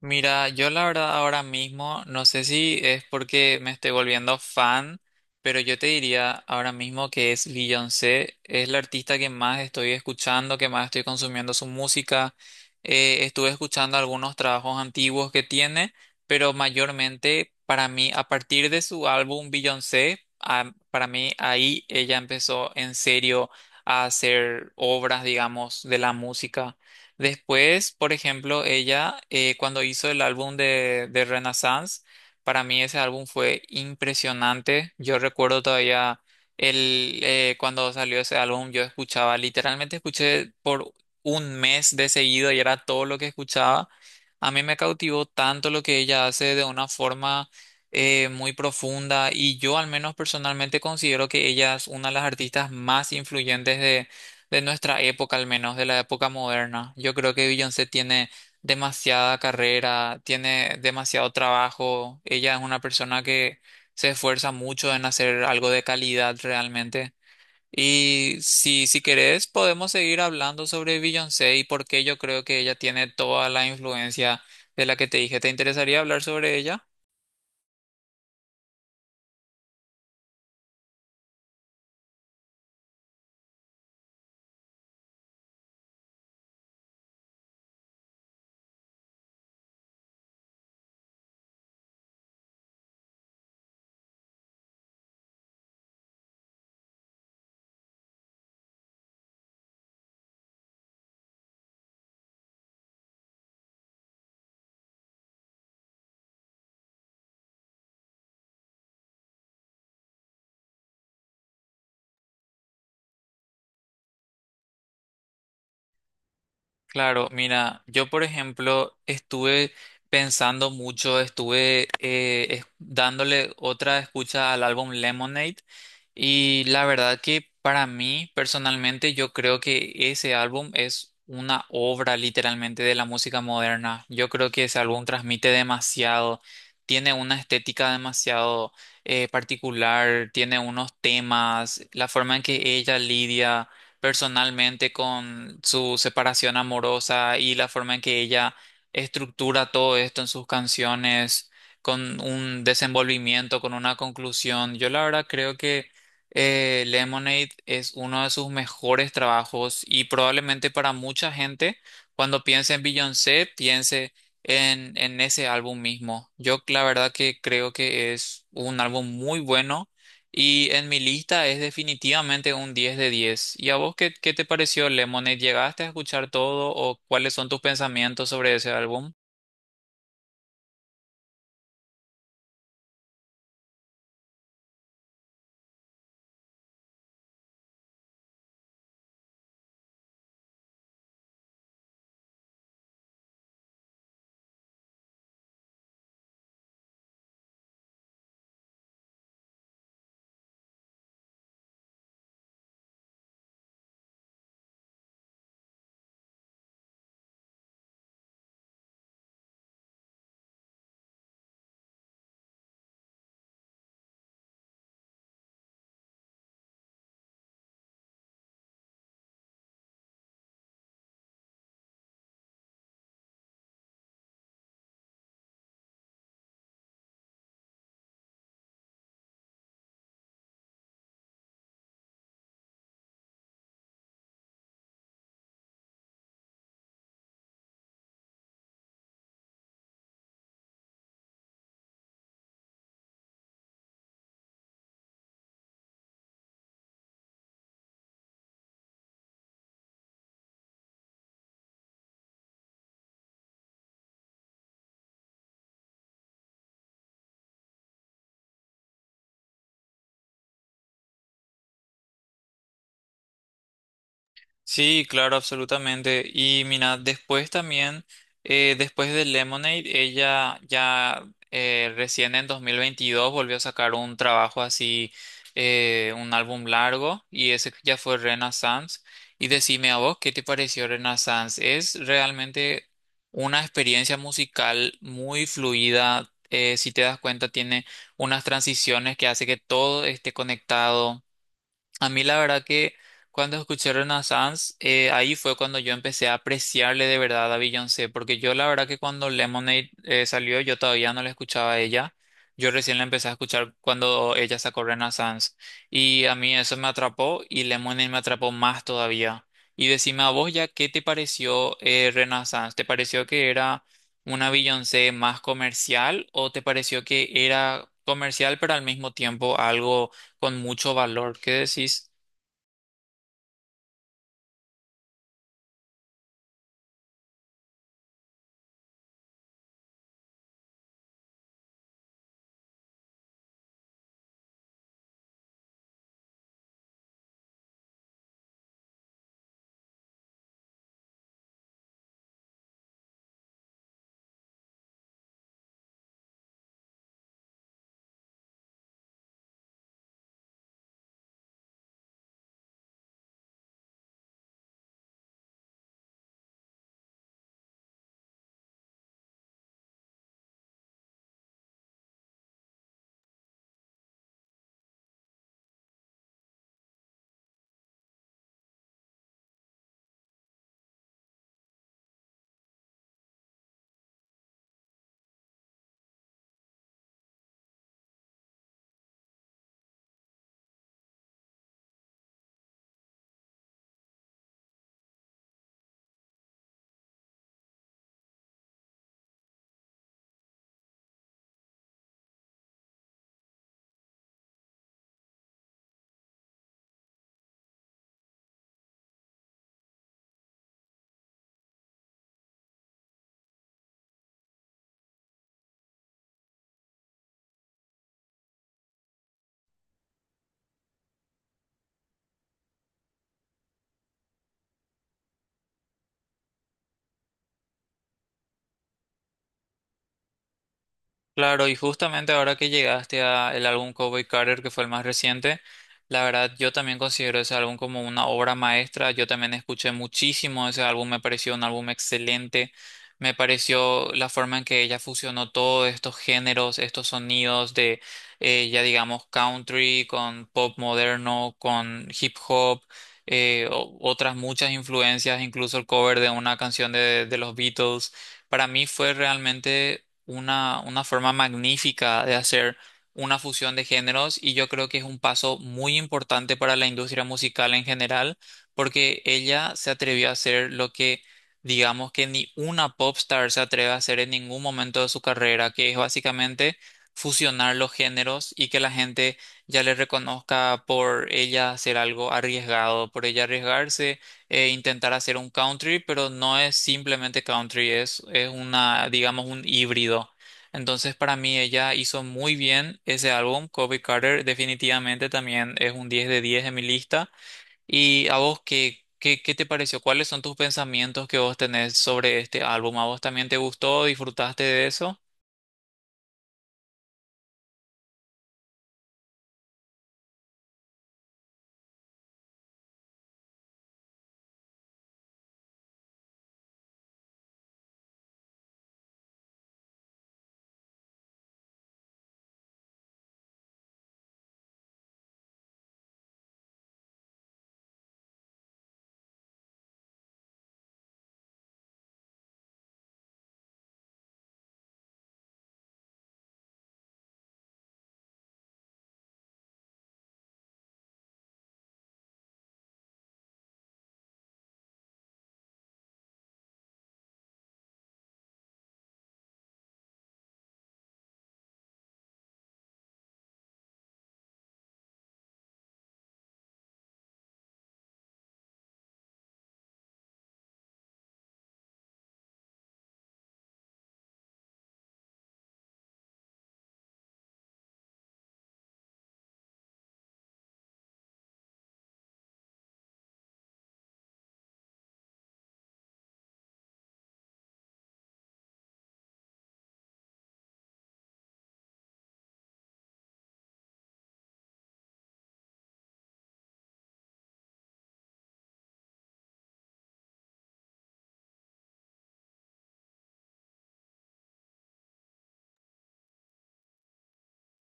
Mira, yo la verdad ahora mismo, no sé si es porque me estoy volviendo fan, pero yo te diría ahora mismo que es Beyoncé, es la artista que más estoy escuchando, que más estoy consumiendo su música. Estuve escuchando algunos trabajos antiguos que tiene, pero mayormente para mí, a partir de su álbum Beyoncé, para mí ahí ella empezó en serio a hacer obras, digamos, de la música. Después, por ejemplo, ella cuando hizo el álbum de Renaissance, para mí ese álbum fue impresionante. Yo recuerdo todavía cuando salió ese álbum, yo escuchaba, literalmente escuché por 1 mes de seguido y era todo lo que escuchaba. A mí me cautivó tanto lo que ella hace de una forma muy profunda y yo al menos personalmente considero que ella es una de las artistas más influyentes de nuestra época al menos, de la época moderna. Yo creo que Beyoncé tiene demasiada carrera, tiene demasiado trabajo. Ella es una persona que se esfuerza mucho en hacer algo de calidad realmente. Y si querés, podemos seguir hablando sobre Beyoncé y por qué yo creo que ella tiene toda la influencia de la que te dije. ¿Te interesaría hablar sobre ella? Claro, mira, yo por ejemplo estuve pensando mucho, estuve dándole otra escucha al álbum Lemonade y la verdad que para mí personalmente yo creo que ese álbum es una obra literalmente de la música moderna. Yo creo que ese álbum transmite demasiado, tiene una estética demasiado particular, tiene unos temas, la forma en que ella lidia personalmente con su separación amorosa y la forma en que ella estructura todo esto en sus canciones, con un desenvolvimiento, con una conclusión. Yo la verdad creo que Lemonade es uno de sus mejores trabajos y probablemente para mucha gente, cuando piense en Beyoncé, piense en ese álbum mismo. Yo la verdad que creo que es un álbum muy bueno y en mi lista es definitivamente un 10 de 10. ¿Y a vos qué te pareció Lemonade? ¿Llegaste a escuchar todo o cuáles son tus pensamientos sobre ese álbum? Sí, claro, absolutamente. Y mira, después también, después de Lemonade, ella ya recién en 2022 volvió a sacar un trabajo así, un álbum largo, y ese ya fue Renaissance. Y decime a vos, ¿qué te pareció Renaissance? Es realmente una experiencia musical muy fluida. Si te das cuenta, tiene unas transiciones que hace que todo esté conectado. A mí la verdad que cuando escuché Renaissance, ahí fue cuando yo empecé a apreciarle de verdad a Beyoncé, porque yo la verdad que cuando Lemonade salió, yo todavía no la escuchaba a ella. Yo recién la empecé a escuchar cuando ella sacó Renaissance. Y a mí eso me atrapó y Lemonade me atrapó más todavía. Y decime a vos ya, ¿qué te pareció Renaissance? ¿Te pareció que era una Beyoncé más comercial o te pareció que era comercial pero al mismo tiempo algo con mucho valor? ¿Qué decís? Claro, y justamente ahora que llegaste a el álbum Cowboy Carter, que fue el más reciente, la verdad yo también considero ese álbum como una obra maestra. Yo también escuché muchísimo ese álbum, me pareció un álbum excelente. Me pareció la forma en que ella fusionó todos estos géneros, estos sonidos de ya digamos country con pop moderno, con hip hop, otras muchas influencias, incluso el cover de una canción de los Beatles. Para mí fue realmente una forma magnífica de hacer una fusión de géneros y yo creo que es un paso muy importante para la industria musical en general, porque ella se atrevió a hacer lo que digamos que ni una popstar se atreve a hacer en ningún momento de su carrera, que es básicamente fusionar los géneros y que la gente ya le reconozca por ella hacer algo arriesgado, por ella arriesgarse intentar hacer un country, pero no es simplemente country, es una, digamos, un híbrido. Entonces, para mí, ella hizo muy bien ese álbum. Kobe Carter definitivamente también es un 10 de 10 en mi lista. ¿Y a vos qué te pareció? ¿Cuáles son tus pensamientos que vos tenés sobre este álbum? ¿A vos también te gustó? ¿Disfrutaste de eso?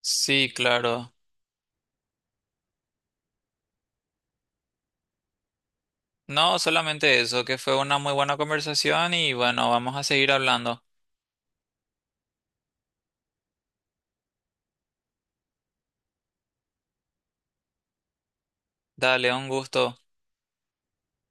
Sí, claro. No, solamente eso, que fue una muy buena conversación y bueno, vamos a seguir hablando. Dale, un gusto.